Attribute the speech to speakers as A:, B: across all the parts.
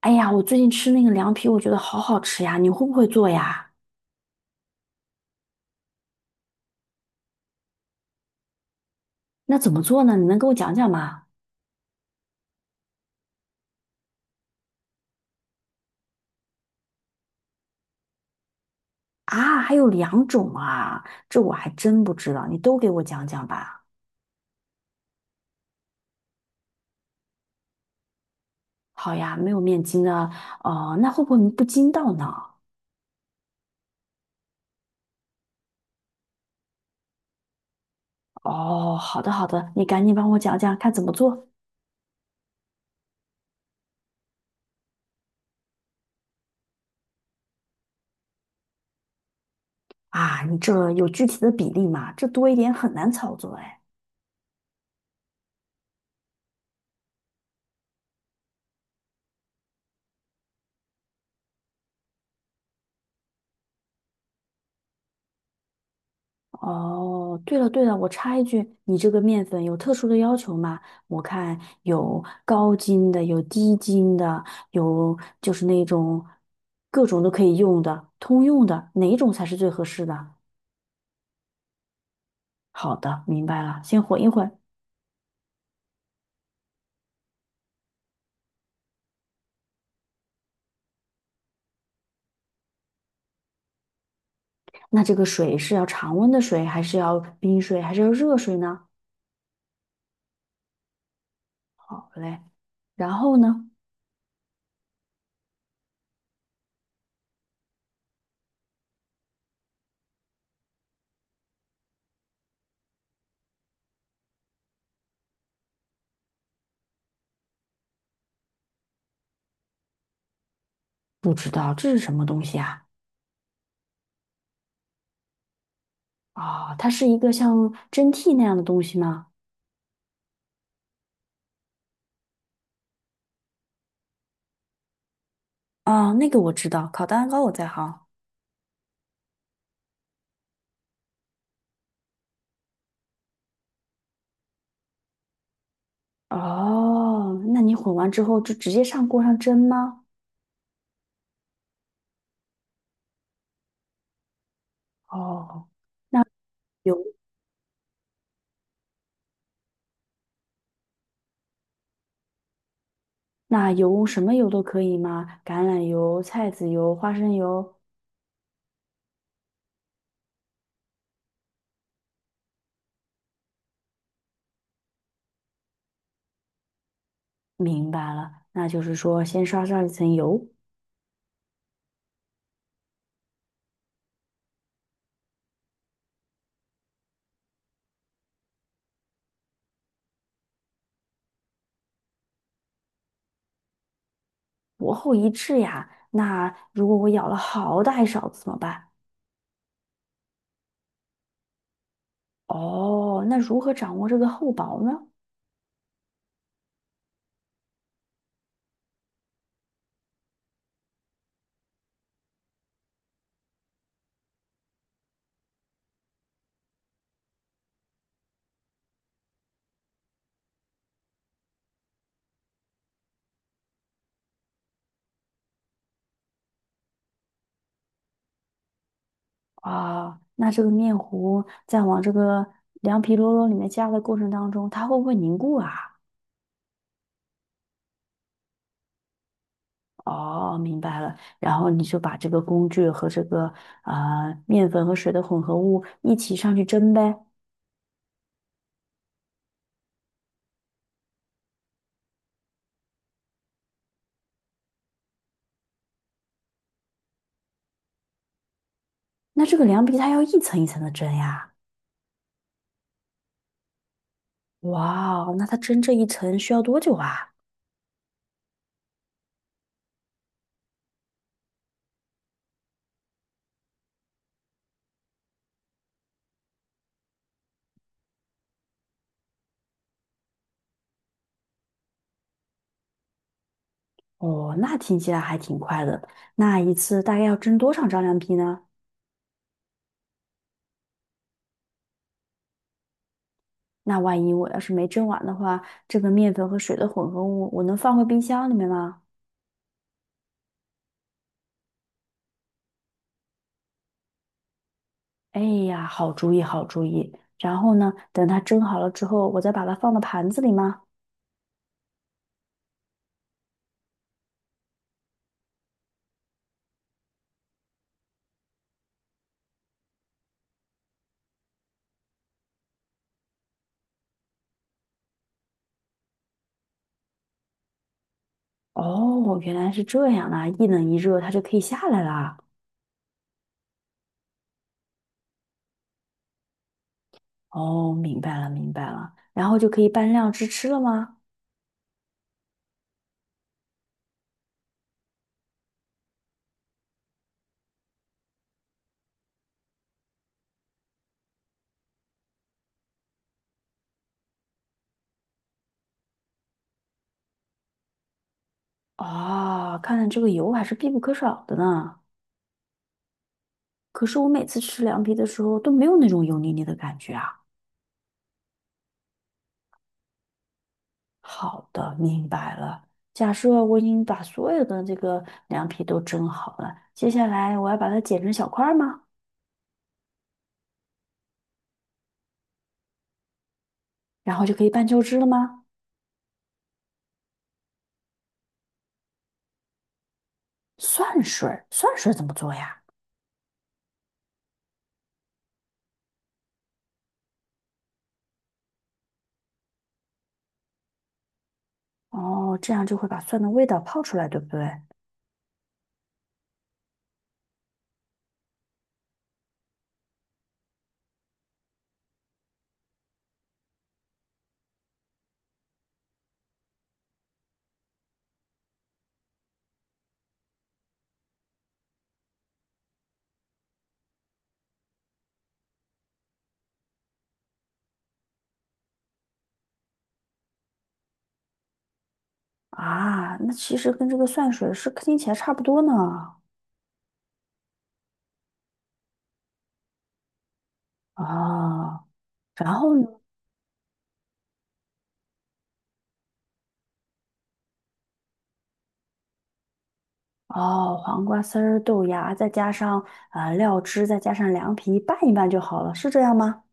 A: 哎呀，我最近吃那个凉皮，我觉得好好吃呀，你会不会做呀？那怎么做呢？你能给我讲讲吗？啊，还有两种啊，这我还真不知道，你都给我讲讲吧。好呀，没有面筋呢，哦、那会不会不筋道呢？哦，好的好的，你赶紧帮我讲讲看怎么做。啊？你这有具体的比例吗？这多一点很难操作哎。哦，对了对了，我插一句，你这个面粉有特殊的要求吗？我看有高筋的，有低筋的，有就是那种各种都可以用的，通用的，哪一种才是最合适的？好的，明白了，先混一混。那这个水是要常温的水，还是要冰水，还是要热水呢？好嘞，然后呢？不知道这是什么东西啊？哦，它是一个像蒸屉那样的东西吗？啊、那个我知道，烤蛋糕我在行。哦，那你混完之后就直接上锅上蒸吗？哦，油，那油什么油都可以吗？橄榄油、菜籽油、花生油。明白了，那就是说先刷上一层油，薄厚一致呀。那如果我舀了好大一勺子怎么办？哦，那如何掌握这个厚薄呢？啊，那这个面糊在往这个凉皮啰啰里面加的过程当中，它会不会凝固啊？哦，明白了。然后你就把这个工具和这个面粉和水的混合物一起上去蒸呗。那这个凉皮它要一层一层的蒸呀。哇哦，那它蒸这一层需要多久啊？哦，那听起来还挺快的。那一次大概要蒸多少张凉皮呢？那万一我要是没蒸完的话，这个面粉和水的混合物我能放回冰箱里面吗？哎呀，好主意，好主意。然后呢，等它蒸好了之后，我再把它放到盘子里吗？哦，哦原来是这样啊！一冷一热，它就可以下来啦。哦，明白了，明白了。然后就可以拌料汁吃了吗？啊，看来这个油还是必不可少的呢。可是我每次吃凉皮的时候都没有那种油腻腻的感觉啊。好的，明白了。假设我已经把所有的这个凉皮都蒸好了，接下来我要把它剪成小块儿吗？然后就可以拌酱汁了吗？蒜水儿，蒜水儿怎么做呀？哦，这样就会把蒜的味道泡出来，对不对？啊，那其实跟这个蒜水是听起来差不多呢。哦，然后呢？哦，黄瓜丝儿、豆芽，再加上啊料汁，再加上凉皮，拌一拌就好了，是这样吗？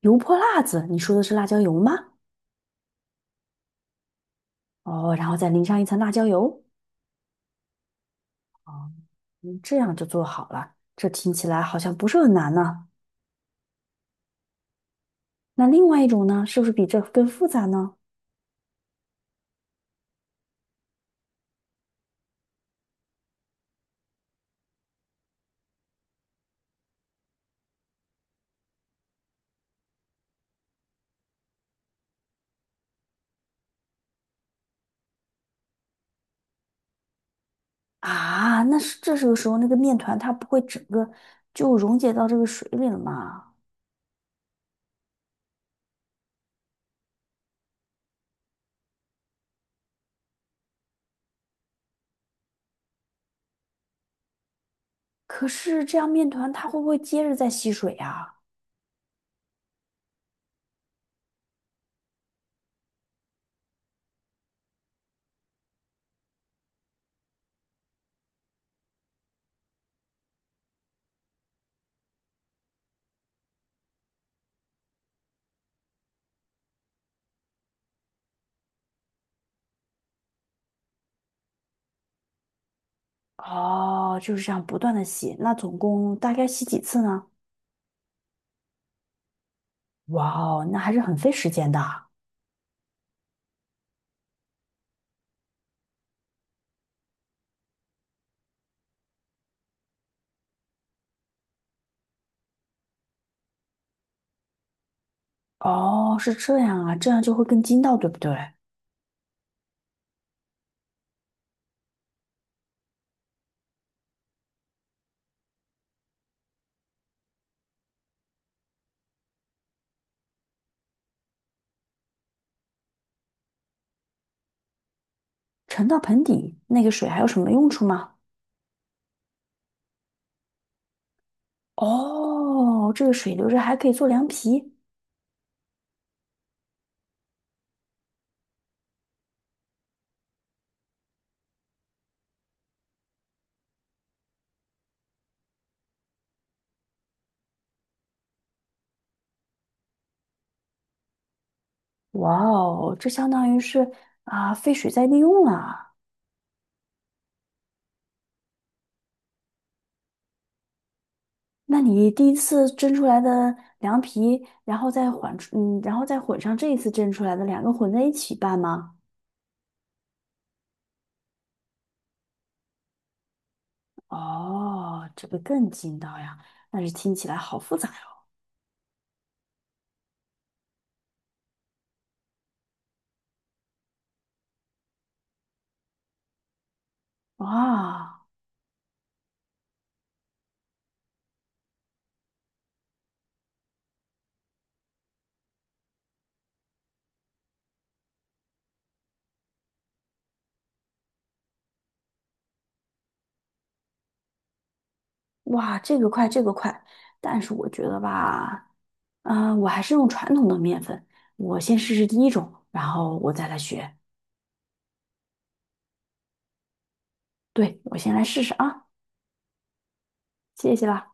A: 油泼辣子，你说的是辣椒油吗？哦，然后再淋上一层辣椒油，哦嗯，这样就做好了。这听起来好像不是很难呢。那另外一种呢，是不是比这更复杂呢？啊，那是这时候那个面团它不会整个就溶解到这个水里了吗？可是这样面团它会不会接着再吸水呀？哦，就是这样不断的吸，那总共大概吸几次呢？哇哦，那还是很费时间的。哦，是这样啊，这样就会更筋道，对不对？沉到盆底，那个水还有什么用处吗？哦，这个水留着还可以做凉皮。哇哦，这相当于是啊，废水再利用了啊。那你第一次蒸出来的凉皮，然后再混出嗯，然后再混上这一次蒸出来的，两个混在一起拌吗？哦，这个更劲道呀，但是听起来好复杂哟。哇哇，这个快，这个快，但是我觉得吧，啊，我还是用传统的面粉，我先试试第一种，然后我再来学。对，我先来试试啊，谢谢啦。